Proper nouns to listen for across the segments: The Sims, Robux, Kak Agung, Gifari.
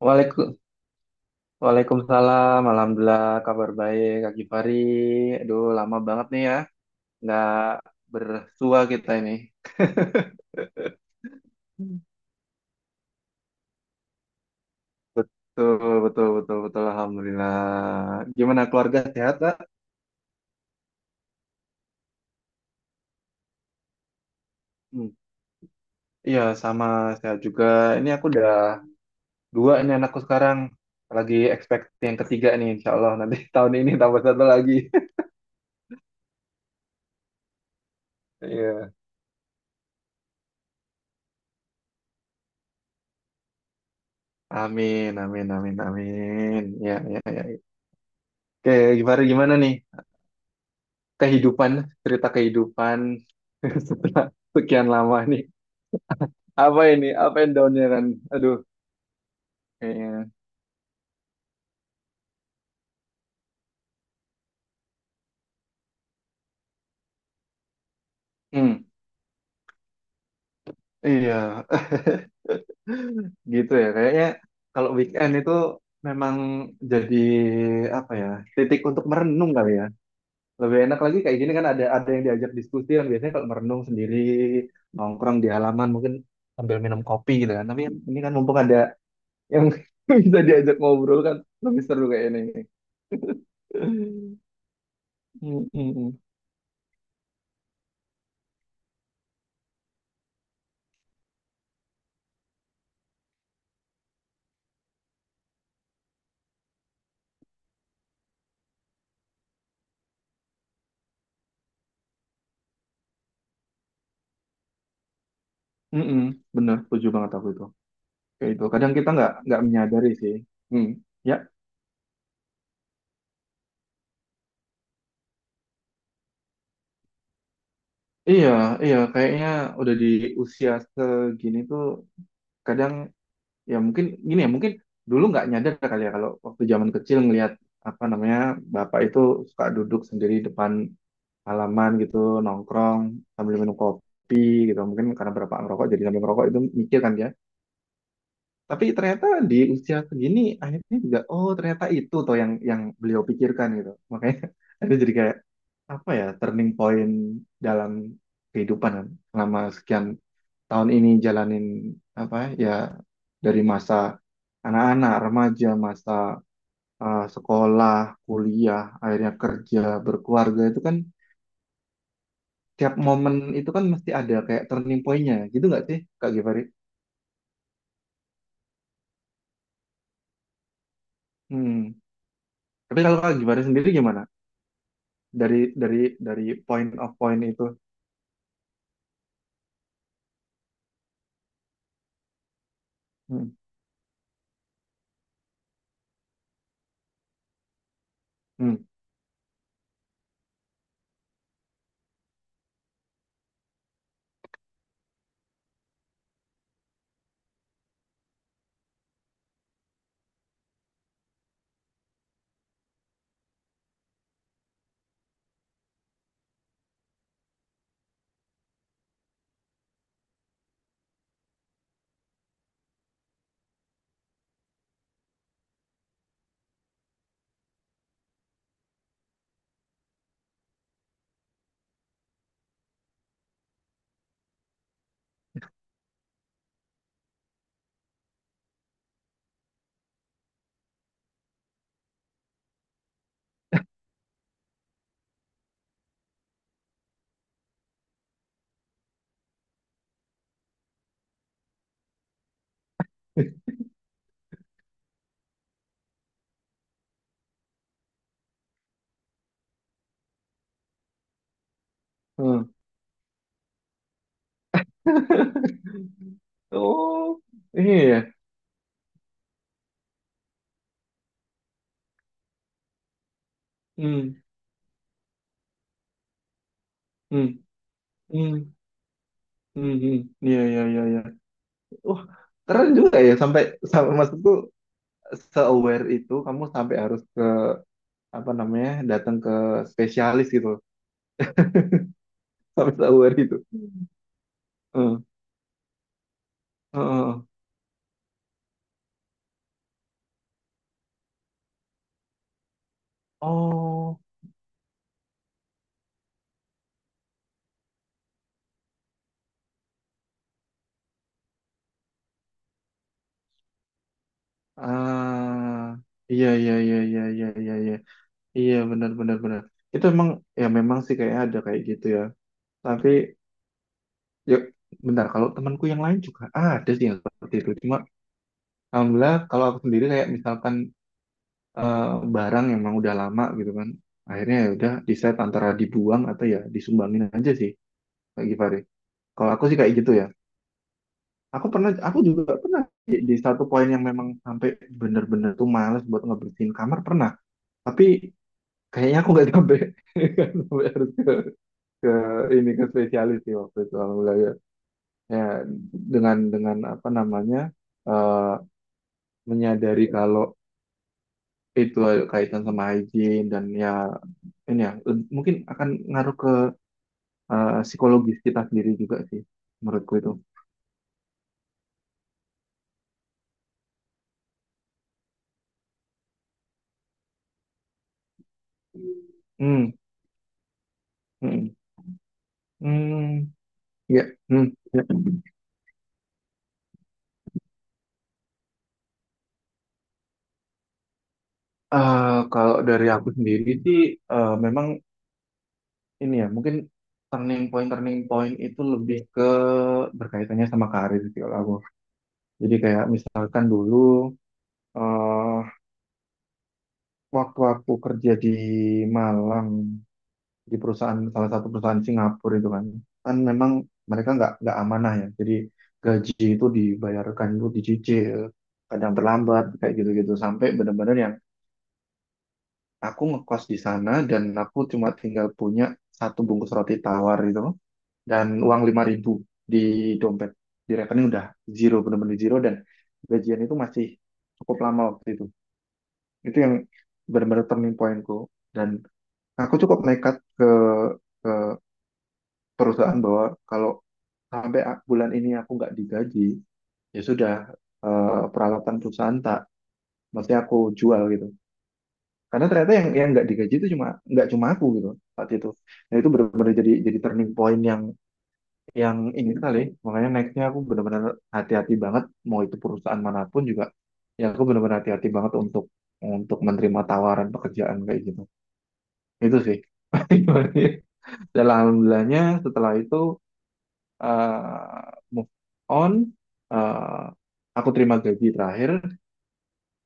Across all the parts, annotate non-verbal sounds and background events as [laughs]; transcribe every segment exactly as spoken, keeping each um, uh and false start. Waalaikum, Waalaikumsalam. Alhamdulillah, kabar baik, Kak Gifari. Aduh, lama banget nih ya, nggak bersua kita ini. [laughs] Hmm. Betul, betul, betul, betul. Alhamdulillah. Gimana keluarga sehat, Kak? Hmm. Iya, sama sehat juga. Ini aku udah dua ini anakku sekarang. Lagi expect yang ketiga nih, insya Allah. Nanti [laughs] tahun ini tambah satu lagi. [laughs] Iya. Amin, amin, amin, amin. Ya, ya, ya. Oke, Gifari gimana nih? Kehidupan, cerita kehidupan [laughs] setelah sekian lama nih. Apa ini? Apa yang down-nya Ran? Aduh, kayaknya. Hmm, iya. [laughs] Gitu ya, kayaknya kalau weekend itu memang jadi apa ya, titik untuk merenung kali ya. Lebih enak lagi kayak gini kan ada ada yang diajak diskusi kan, biasanya kalau merenung sendiri nongkrong di halaman mungkin sambil minum kopi gitu kan. Tapi ini kan mumpung ada yang [laughs] bisa diajak ngobrol kan lebih seru kayak ini. Mm, mm, mm. Mm, mm. Bener, setuju banget aku itu. Kayak itu. Kadang kita nggak nggak menyadari sih. Hmm. Ya, iya, iya. Kayaknya udah di usia segini tuh kadang ya mungkin gini, ya mungkin dulu nggak nyadar kali ya kalau waktu zaman kecil ngelihat apa namanya bapak itu suka duduk sendiri depan halaman gitu, nongkrong sambil minum kopi gitu, mungkin karena bapak ngerokok jadi sambil ngerokok itu mikir kan dia. Tapi ternyata di usia segini akhirnya juga, oh ternyata itu toh yang yang beliau pikirkan gitu. Makanya [laughs] itu jadi kayak apa ya, turning point dalam kehidupan kan. Selama sekian tahun ini jalanin apa ya, dari masa anak-anak, remaja, masa eh, sekolah, kuliah, akhirnya kerja, berkeluarga itu kan tiap momen itu kan mesti ada kayak turning point-nya gitu nggak sih Kak Givari? Hmm. Tapi kalau Kak Givari sendiri gimana? dari dari dari point of point itu. Hmm. Hmm. [laughs] Hmm. [laughs] Oh, iya. Ya. Hmm. Hmm. Hmm. Hmm. Hmm. Iya, iya, iya, iya. Wah, keren juga ya, sampai sampai maksudku se-aware itu kamu sampai harus ke apa namanya? Datang ke spesialis gitu. [laughs] Sampai se-aware itu. Heeh. Heeh. Oh, ah, iya, iya, iya, iya, iya, iya, iya. Iya, benar benar benar. Itu emang ya memang sih kayaknya ada kayak gitu ya. Tapi ya bentar, kalau temanku yang lain juga ada sih yang seperti itu. Cuma alhamdulillah kalau aku sendiri kayak misalkan eh, barang yang emang udah lama gitu kan. Akhirnya ya udah decide antara dibuang atau ya disumbangin aja sih kayak Givari. Kalau aku sih kayak gitu ya. Aku pernah aku juga pernah di, di satu poin yang memang sampai bener-bener tuh males buat ngebersihin kamar pernah. Tapi kayaknya aku nggak sampai, [laughs] nggak sampai harus ke ke ini ke spesialis sih waktu itu, alhamdulillah ya. Ya, dengan dengan apa namanya eh, menyadari kalau itu kaitan sama hygiene dan ya ini ya le- mungkin akan ngaruh ke eh, psikologis kita sendiri juga sih menurutku itu. Hmm. Hmm. Hmm. Ya. Hmm. Ya. Eh, kalau dari aku sendiri sih eh, memang ini ya mungkin turning point turning point itu lebih ke berkaitannya sama karir sih kalau aku. Jadi kayak misalkan dulu eh waktu aku kerja di Malang di perusahaan, salah satu perusahaan Singapura itu kan, kan memang mereka nggak nggak amanah ya, jadi gaji itu dibayarkan itu dicicil, kadang terlambat kayak gitu-gitu sampai benar-benar yang aku ngekos di sana dan aku cuma tinggal punya satu bungkus roti tawar itu dan uang lima ribu di dompet, di rekening udah zero, benar-benar zero, dan gajian itu masih cukup lama waktu itu. Itu yang benar-benar turning pointku. Dan aku cukup nekat ke, ke perusahaan bahwa kalau sampai a- bulan ini aku nggak digaji, ya sudah, eh, peralatan perusahaan tak mesti aku jual gitu. Karena ternyata yang yang nggak digaji itu cuma nggak cuma aku gitu saat itu. Nah itu benar-benar jadi jadi turning point yang yang ini kali. Makanya nextnya aku benar-benar hati-hati banget mau itu perusahaan manapun juga. Ya aku benar-benar hati-hati banget untuk untuk menerima tawaran pekerjaan kayak gitu. Itu sih. [laughs] Dan alhamdulillahnya setelah itu eh, move on, eh, aku terima gaji terakhir,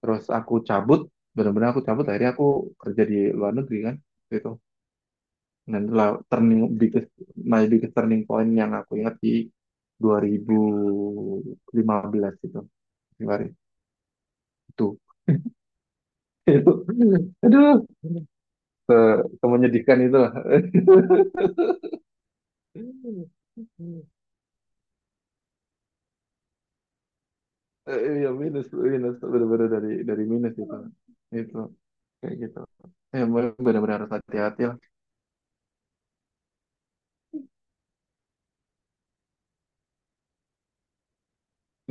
terus aku cabut, benar-benar aku cabut, akhirnya aku kerja di luar negeri kan waktu itu. Dan itulah turning biggest, my biggest turning point yang aku ingat di dua ribu lima belas itu, Februari itu. [laughs] Itu, aduh, menyedihkan itu lah. [laughs] Eh, Iya minus, minus benar-benar dari dari minus itu itu kayak gitu ya, benar-benar harus hati-hati lah.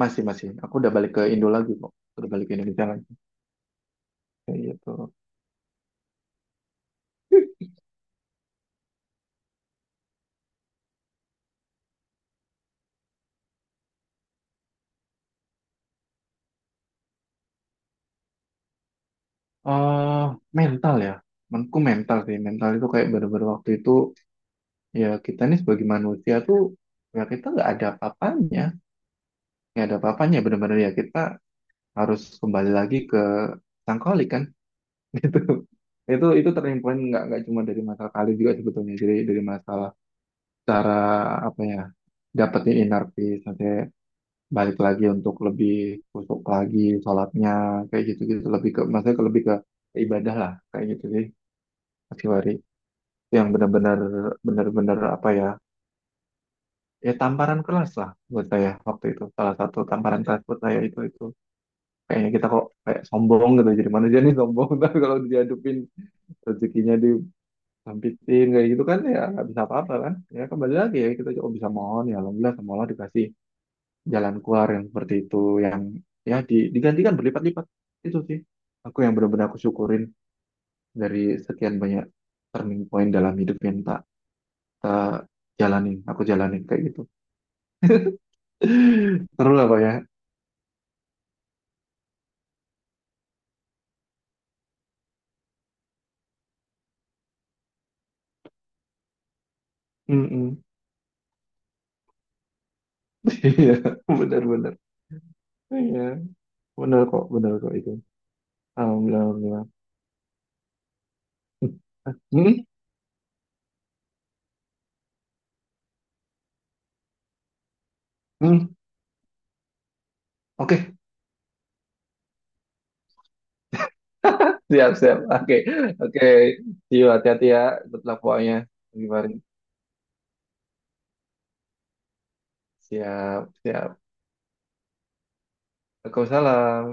Masih, masih. Aku udah balik ke Indo lagi kok. Udah balik ke Indonesia lagi. Kayak gitu. eh Mental ya. Menurutku mental sih. Mental itu kayak bener-bener waktu itu, ya kita nih sebagai manusia tuh, ya kita nggak ada apa-apanya. Nggak ada apa-apanya. Bener-bener ya kita harus kembali lagi ke Sangkoli kan. [laughs] Itu, itu, itu turning point nggak, nggak cuma dari masalah kali juga sebetulnya. Jadi dari masalah cara apa ya, dapetin inner peace, nanti balik lagi untuk lebih kusuk lagi sholatnya kayak gitu-gitu, lebih ke maksudnya ke- lebih ke ibadah lah kayak gitu sih Mas Hiwari. Yang benar-benar benar-benar apa ya, ya tamparan kelas lah buat saya waktu itu, salah satu tamparan kelas buat saya itu itu kayaknya kita kok kayak sombong gitu jadi manusia nih sombong [laughs] tapi kalau diadupin rezekinya, disampitin kayak gitu kan, ya nggak bisa apa-apa kan, ya kembali lagi ya kita cuma bisa mohon ya alhamdulillah semoga dikasih jalan keluar yang seperti itu, yang ya di- digantikan berlipat-lipat. Itu sih aku yang benar-benar aku syukurin dari sekian banyak turning point dalam hidup yang tak tak jalanin, aku jalanin kayak gitu. [laughs] Seru lah pak ya. Mm-mm. [laughs] Iya benar-benar, iya, benar kok benar kok itu alhamdulillah, alhamdulillah. Hmm, hmm. Hmm? Oke, siap, siap. Oke, oke. See you, hati-hati ya. Good pokoknya. Pagi. Siap, siap. Waalaikumsalam.